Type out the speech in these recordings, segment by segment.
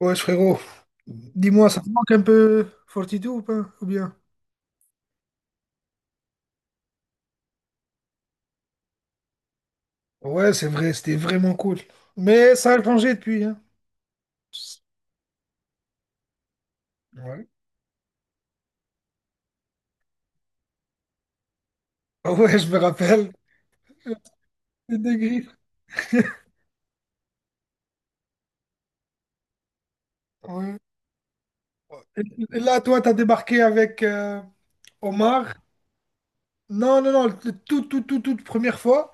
Ouais, frérot, dis-moi, ça te manque un peu Fortitude ou pas? Ou bien? Ouais, c'est vrai, c'était vraiment cool. Mais ça a changé depuis, hein. Ouais. Ah ouais, je me rappelle. Les deux griffes. Ouais. Et là, toi, t'as débarqué avec Omar. Non, non, non, toute première fois,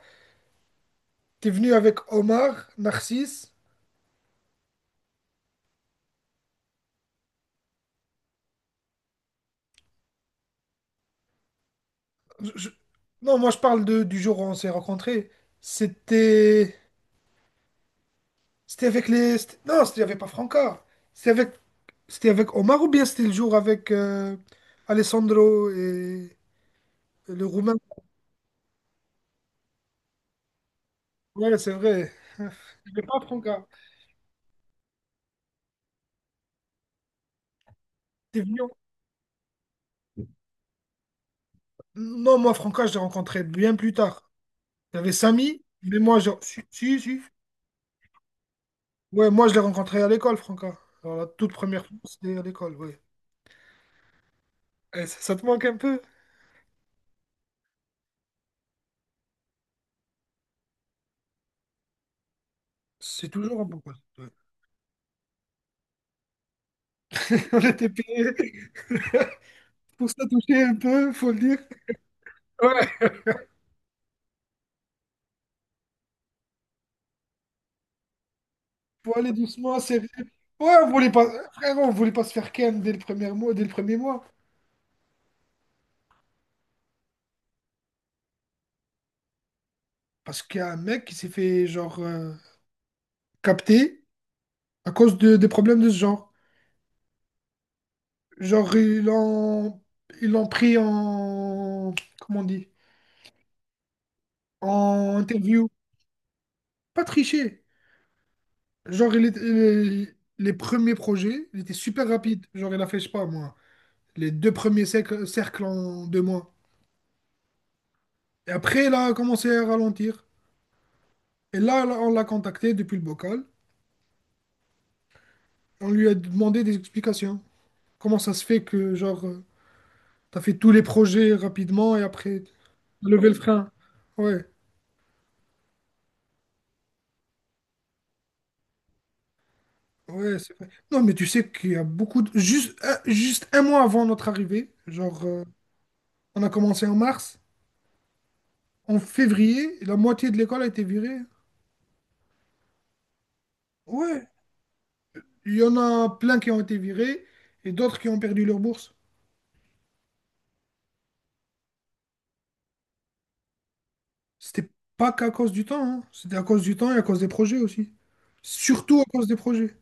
t'es venu avec Omar, Narcisse. Je- je- Non, moi, je parle de, du jour où on s'est rencontrés. C'était. C'était avec les. Non, il n'y avait pas Franca. C'était avec. C'était avec Omar ou bien c'était le jour avec Alessandro et le Roumain? Ouais, c'est vrai. Je l'ai pas Franca. T'es venu. Non, moi, Franca, je l'ai rencontré bien plus tard. Il y avait Samy, mais moi. Si, si, si. Ouais, moi, je l'ai rencontré à l'école, Franca. Alors, la toute première fois, c'était à l'école, ouais. Eh, ça te manque un peu? C'est toujours un bon pote, ouais. On était payé pour se toucher un peu, faut le dire. Ouais, faut aller doucement, sérieux. Ouais, on voulait pas. Frère, on voulait pas se faire ken dès le premier mois, dès le premier mois. Parce qu'il y a un mec qui s'est fait genre capter à cause de, des problèmes de ce genre. Genre, ils l'ont pris en. Comment on dit? En interview. Pas triché. Genre, les premiers projets, il était super rapide. Genre, il a fait, je sais pas moi, les deux premiers cercles en deux mois. Et après, il a commencé à ralentir. Et là, on l'a contacté depuis le bocal. On lui a demandé des explications. Comment ça se fait que, genre, t'as fait tous les projets rapidement et après. Lever le frein. Ouais, ouais, c'est vrai. Non, mais tu sais qu'il y a beaucoup de. Juste, juste un mois avant notre arrivée, genre, on a commencé en mars, en février, la moitié de l'école a été virée. Ouais, il y en a plein qui ont été virés et d'autres qui ont perdu leur bourse. C'était pas qu'à cause du temps, hein. C'était à cause du temps et à cause des projets aussi. Surtout à cause des projets.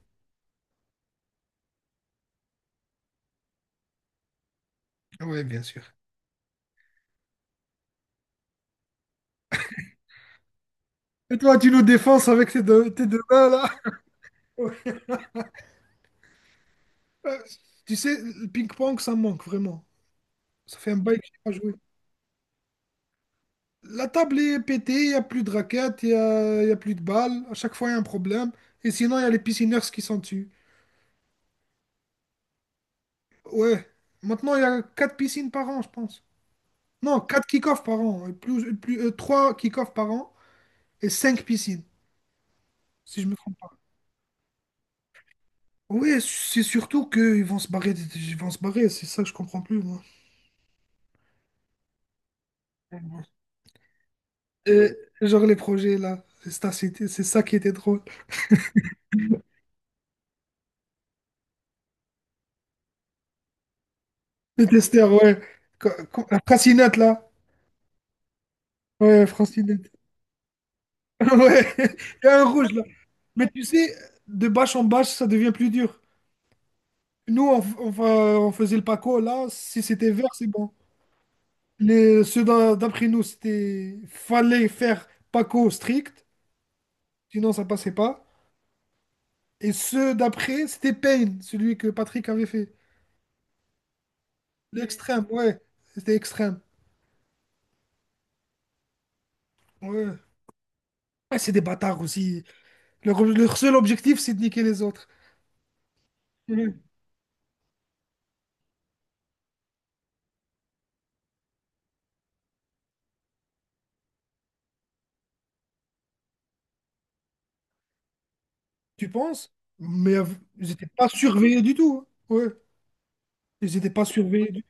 Ouais, bien sûr. Et toi, tu nous défenses avec tes deux mains, là? Ouais. Euh, Tu sais, le ping-pong, ça me manque vraiment. Ça fait un bail que je n'ai pas joué. La table est pétée, il n'y a plus de raquettes, il n'y a plus de balles. À chaque fois, il y a un problème. Et sinon, il y a les piscineurs qui sont dessus. Ouais. Maintenant, il y a 4 piscines par an, je pense. Non, 4 kick-offs par an. Et plus, 3 kick-offs par an et cinq piscines, si je me trompe pas. Oui, c'est surtout qu'ils vont se barrer. Ils vont se barrer, c'est ça que je comprends plus, moi. Et, genre les projets, là. C'est ça, c'est ça qui était drôle. Les testeurs, ouais. Francinette, là. Ouais, Francinette. Ouais. Il y a un rouge, mais tu sais, de bâche en bâche, ça devient plus dur. Nous, on, f- on fa- on faisait le Paco, là, si c'était vert, c'est bon. Ceux d'après nous, c'était. Fallait faire Paco strict, sinon ça passait pas. Et ceux d'après, c'était Payne, celui que Patrick avait fait. L'extrême, ouais. C'était extrême. Ouais. Ouais, c'est des bâtards aussi. Leur seul objectif, c'est de niquer les autres. Ouais. Tu penses? Mais ils n'étaient pas surveillés du tout, hein. Ouais. Ils n'étaient pas surveillés du tout,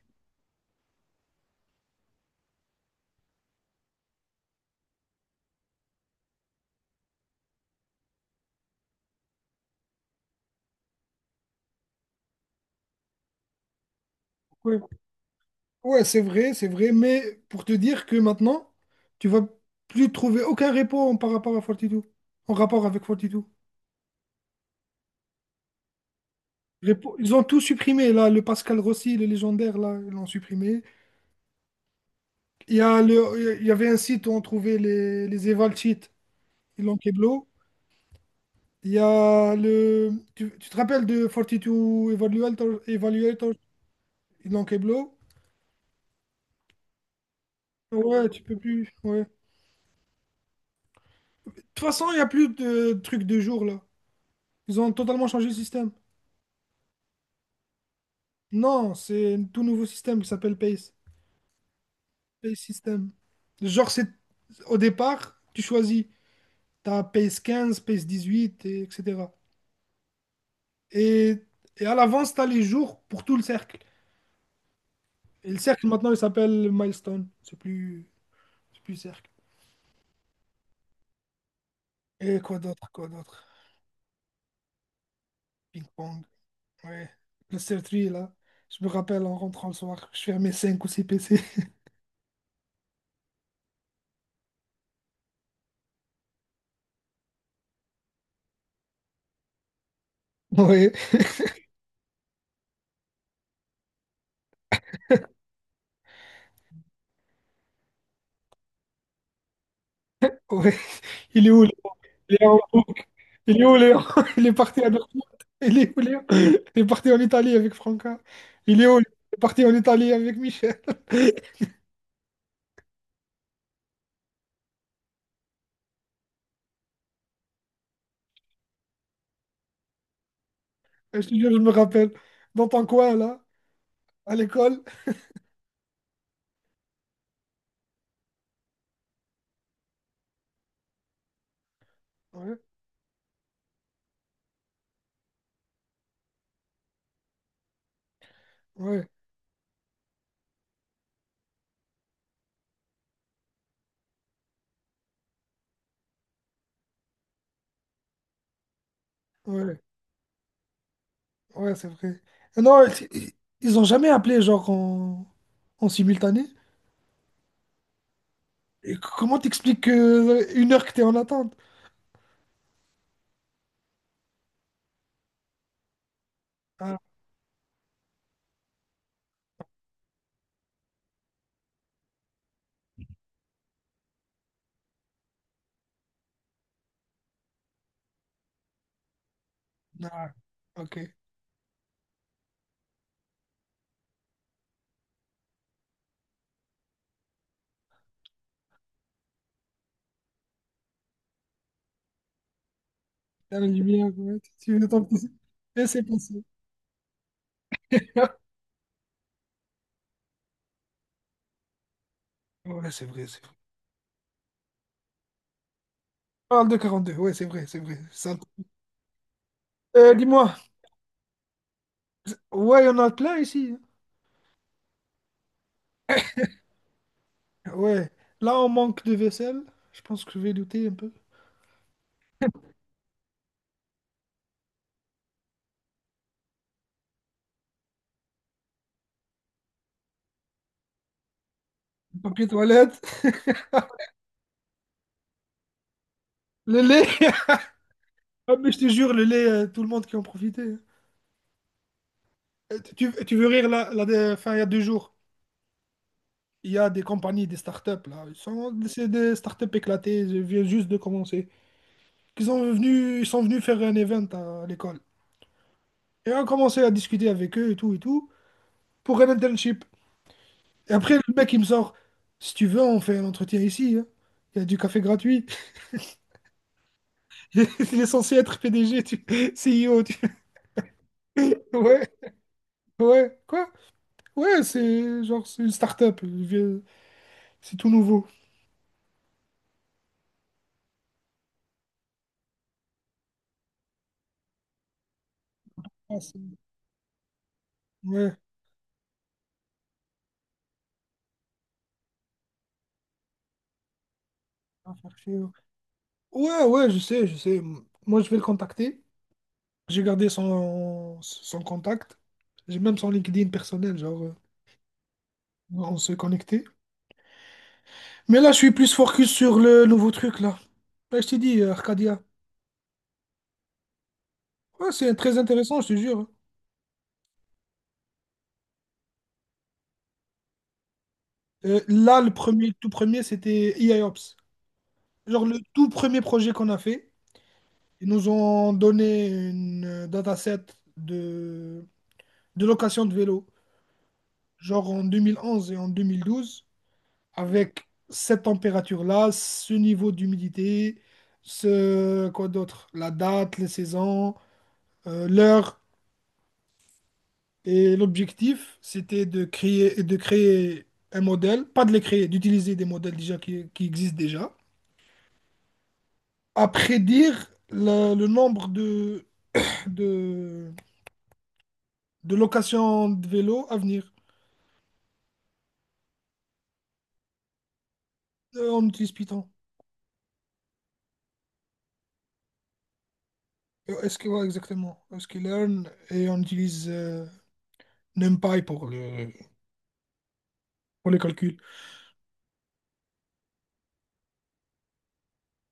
ouais. Ouais, c'est vrai, mais pour te dire que maintenant, tu vas plus trouver aucun repo par rapport à Fortitude, en rapport avec Fortitude. Ils ont tout supprimé, là, le Pascal Rossi, le légendaire, là, ils l'ont supprimé. Il y avait un site où on trouvait les Eval Cheats, ils l'ont keblo. Il y a le, tu te rappelles de Fortitude Evaluator, ils l'ont keblo. Ouais, tu peux plus, ouais. De toute façon, il n'y a plus de trucs de jour, là. Ils ont totalement changé le système. Non, c'est un tout nouveau système qui s'appelle PACE. PACE System. Genre, c'est au départ, tu choisis. Tu as PACE 15, PACE 18, et etc. Et, et à l'avance, tu as les jours pour tout le cercle. Et le cercle, maintenant, il s'appelle Milestone. C'est plus cercle. Et quoi d'autre, quoi d'autre? Ping-pong. Ouais. Le circuit là. Je me rappelle en rentrant le soir, je fermais 5 ou 6 PC. Ouais, ouais. Il est où? Léo, il est où Léon? Il est parti à Dortmund. Il est où Léon? Il est parti en Italie avec Franca. Il est où? Il est parti en Italie avec Michel. Je te jure, je me rappelle. Dans ton coin, là, à l'école. Ouais, ouais, ouais, ouais, c'est vrai. Non, ils ils ont jamais appelé, genre, en simultané. Et comment t'expliques une heure que t'es en attente? Ah, ah, ok. T'as la lumière, ouais, tu veux ton. Et c'est passé. Ouais, c'est vrai, c'est vrai. Parle de 42, ouais, c'est vrai, c'est vrai. Dis-moi, ouais, il y en a plein ici. Ouais, là, on manque de vaisselle. Je pense que je vais douter un peu. Papier toilette, le lait. Ah, mais je te jure, le lait, tout le monde qui en profitait, hein. Tu veux rire, là, enfin, il y a deux jours, il y a des compagnies, des startups, là. C'est des startups éclatées, je viens juste de commencer. Ils sont venus faire un event à l'école. Et on a commencé à discuter avec eux et tout pour un internship. Et après, le mec, il me sort, si tu veux, on fait un entretien ici, hein. Il y a du café gratuit. Il est censé être PDG. CEO. Ouais, ouais, quoi? Ouais, c'est genre, c'est une start-up. C'est tout nouveau. Ah, Ouais, ça va faire chier, ouais, ouais, ouais, je sais, je sais. Moi, je vais le contacter. J'ai gardé son contact. J'ai même son LinkedIn personnel, genre, on s'est connecté. Mais là, je suis plus focus sur le nouveau truc, là. Ouais, je t'ai dit, Arcadia. Ouais, c'est très intéressant, je te jure. Là, le tout premier, c'était EIOps. Genre le tout premier projet qu'on a fait, ils nous ont donné une dataset de, de location de vélo, genre en 2011 et en 2012, avec cette température-là, ce niveau d'humidité, ce quoi d'autre, la date, les saisons, l'heure. Et l'objectif, c'était de créer un modèle, pas de les créer, d'utiliser des modèles déjà qui existent déjà à prédire le nombre de, de locations de vélos à venir. On utilise Python. SQL exactement. Est-ce qu'il learn et on utilise NumPy pour les calculs.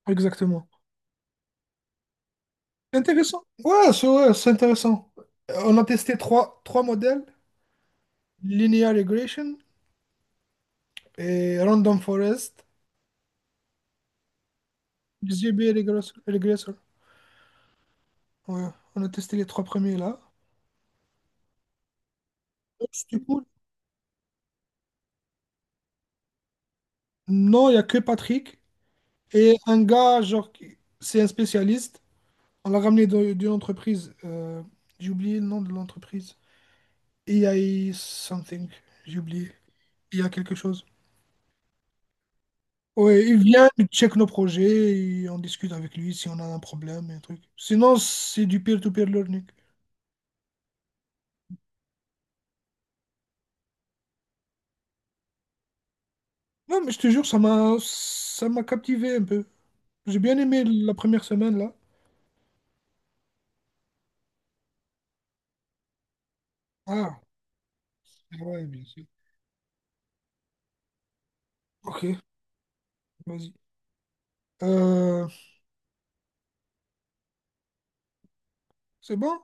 Exactement. Intéressant. Ouais, c'est intéressant. On a testé trois modèles, Linear Regression et Random Forest, XGB Regressor. Ouais, on a testé les trois premiers là. Oh, c'était cool. Non, il n'y a que Patrick. Et un gars, genre, c'est un spécialiste. On l'a ramené d'une entreprise. J'ai oublié le nom de l'entreprise. AI something. J'ai oublié. Il y a quelque chose. Ouais, il vient, il check nos projets, et on discute avec lui si on a un problème et un truc. Sinon, c'est du peer-to-peer learning. Non, mais je te jure, ça m'a captivé un peu. J'ai bien aimé la première semaine, là. Ah, ouais, bien sûr. Ok, vas-y. Euh, c'est bon?